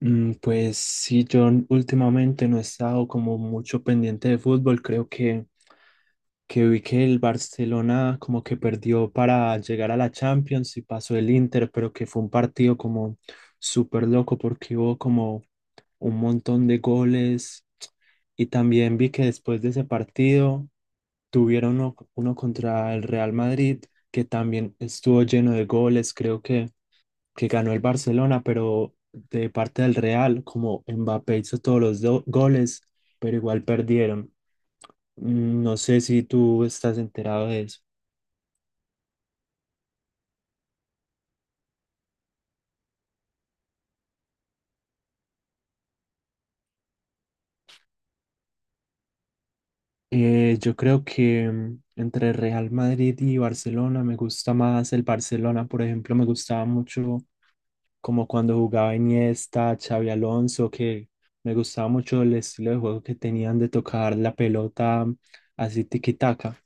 Pues sí, yo últimamente no he estado como mucho pendiente de fútbol. Creo que vi que el Barcelona como que perdió para llegar a la Champions y pasó el Inter, pero que fue un partido como súper loco porque hubo como un montón de goles. Y también vi que después de ese partido tuvieron uno, uno contra el Real Madrid, que también estuvo lleno de goles. Creo que ganó el Barcelona, pero de parte del Real, como Mbappé hizo todos los goles, pero igual perdieron. No sé si tú estás enterado de eso. Yo creo que entre Real Madrid y Barcelona me gusta más el Barcelona. Por ejemplo, me gustaba mucho como cuando jugaba Iniesta, Xavi Alonso, que me gustaba mucho el estilo de juego que tenían de tocar la pelota, así tiki-taka.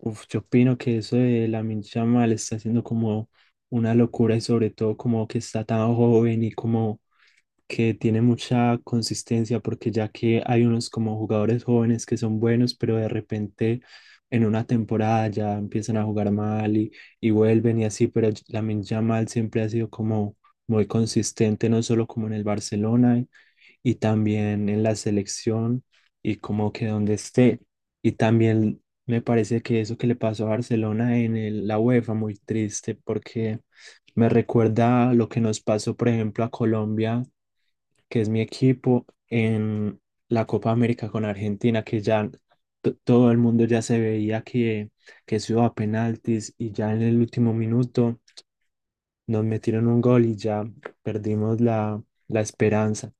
Uf, yo opino que eso de Lamine Yamal está haciendo como una locura, y sobre todo como que está tan joven y como que tiene mucha consistencia, porque ya que hay unos como jugadores jóvenes que son buenos, pero de repente en una temporada ya empiezan a jugar mal, y vuelven y así, pero Lamine Yamal siempre ha sido como muy consistente, no solo como en el Barcelona, y también en la selección y como que donde esté. Y también me parece que eso que le pasó a Barcelona en la UEFA, muy triste, porque me recuerda lo que nos pasó, por ejemplo, a Colombia, que es mi equipo, en la Copa América con Argentina, que ya todo el mundo ya se veía que eso iba a penaltis, y ya en el último minuto nos metieron un gol y ya perdimos la esperanza.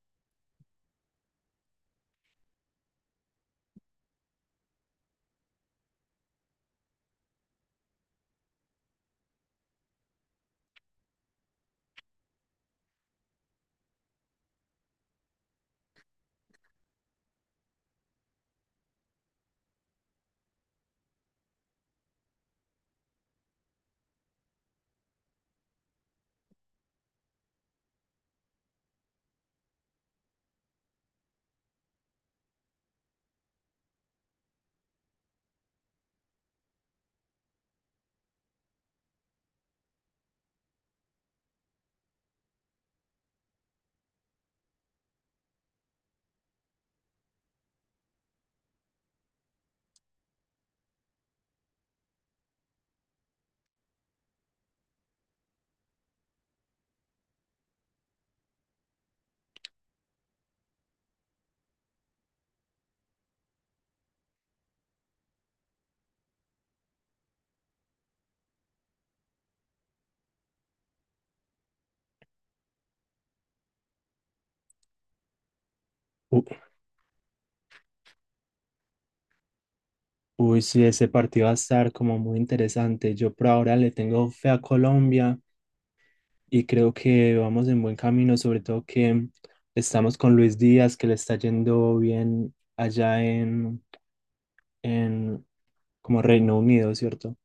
U- Uy, sí, ese partido va a estar como muy interesante. Yo por ahora le tengo fe a Colombia y creo que vamos en buen camino, sobre todo que estamos con Luis Díaz, que le está yendo bien allá en como Reino Unido, ¿cierto?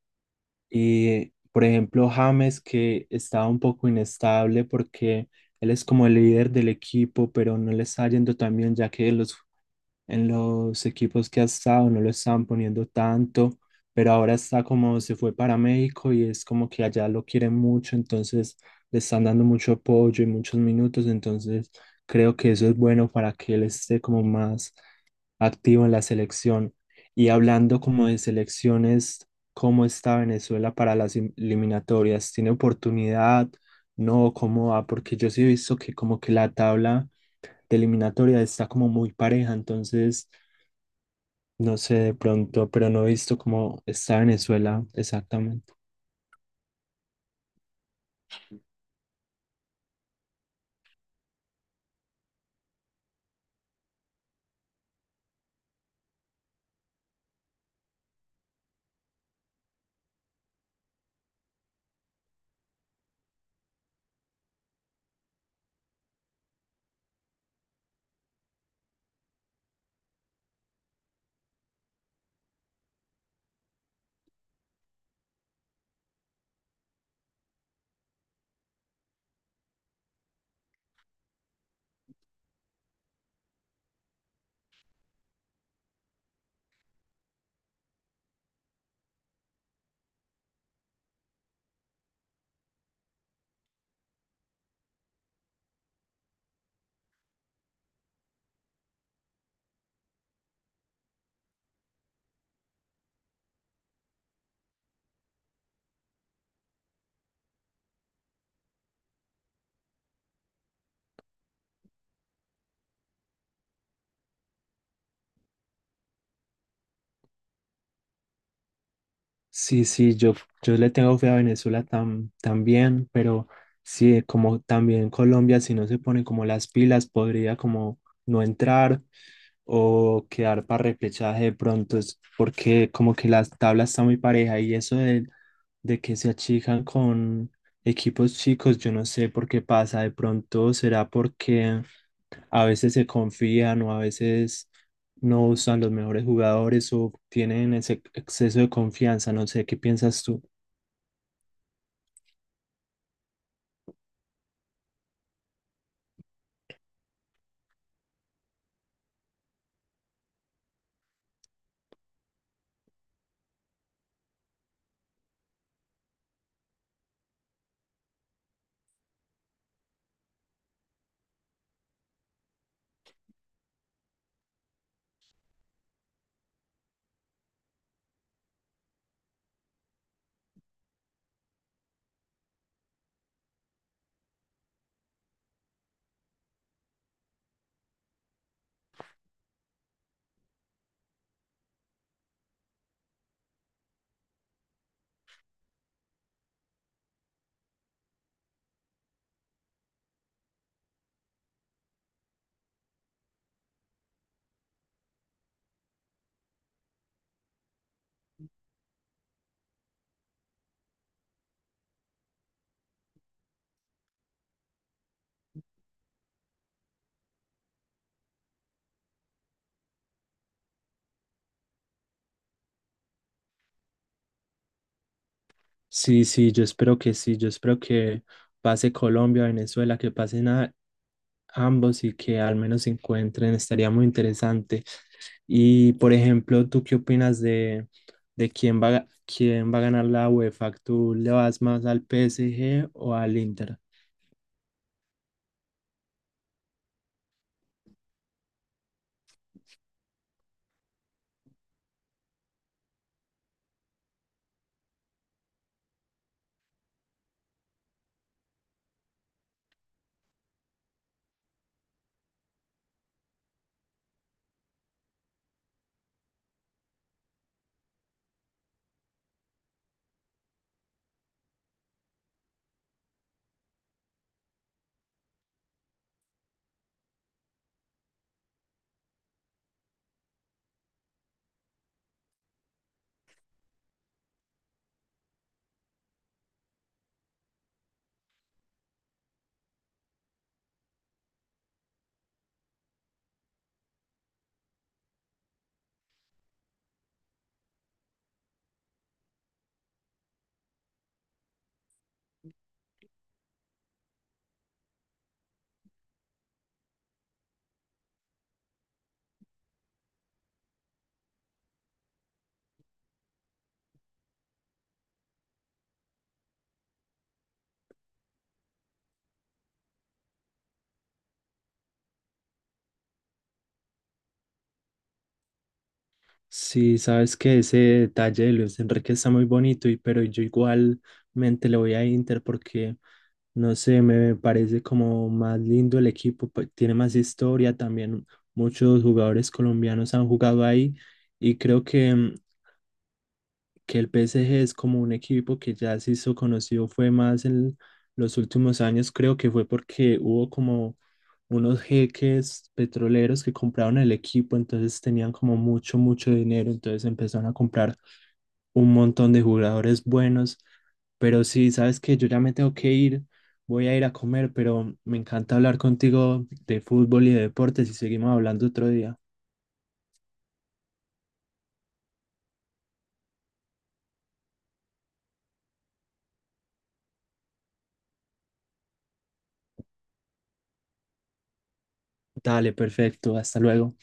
Y por ejemplo, James, que estaba un poco inestable porque él es como el líder del equipo, pero no le está yendo tan bien, ya que los en los equipos que ha estado, no lo estaban poniendo tanto, pero ahora está como se fue para México y es como que allá lo quieren mucho, entonces le están dando mucho apoyo y muchos minutos, entonces creo que eso es bueno para que él esté como más activo en la selección. Y hablando como de selecciones, ¿cómo está Venezuela para las eliminatorias? ¿Tiene oportunidad? No, ¿cómo va? Porque yo sí he visto que como que la tabla de eliminatoria está como muy pareja, entonces no sé de pronto, pero no he visto cómo está Venezuela exactamente. Sí, sí, yo le tengo fe a Venezuela también, pero sí, como también Colombia, si no se pone como las pilas, podría como no entrar o quedar para repechaje de pronto. Es porque como que las tablas están muy pareja, y eso de que se achican con equipos chicos, yo no sé por qué pasa, de pronto será porque a veces se confían, o a veces no usan los mejores jugadores o tienen ese exceso de confianza. No sé, ¿qué piensas tú? Sí, sí, yo espero que sí, yo espero que pase Colombia, Venezuela, que pasen a ambos y que al menos se encuentren, estaría muy interesante. Y por ejemplo, ¿tú qué opinas de quién va, a quién va a ganar la UEFA? ¿Tú le vas más al PSG o al Inter? Sí, sabes que ese detalle de Luis Enrique está muy bonito, pero yo igualmente le voy a Inter porque no sé, me parece como más lindo el equipo, pues, tiene más historia, también muchos jugadores colombianos han jugado ahí, y creo que, que el PSG es como un equipo que ya se hizo conocido, fue más en los últimos años. Creo que fue porque hubo como unos jeques petroleros que compraron el equipo, entonces tenían como mucho, mucho dinero, entonces empezaron a comprar un montón de jugadores buenos. Pero sí, sabes que yo ya me tengo que ir, voy a ir a comer, pero me encanta hablar contigo de fútbol y de deportes y seguimos hablando otro día. Dale, perfecto, hasta luego.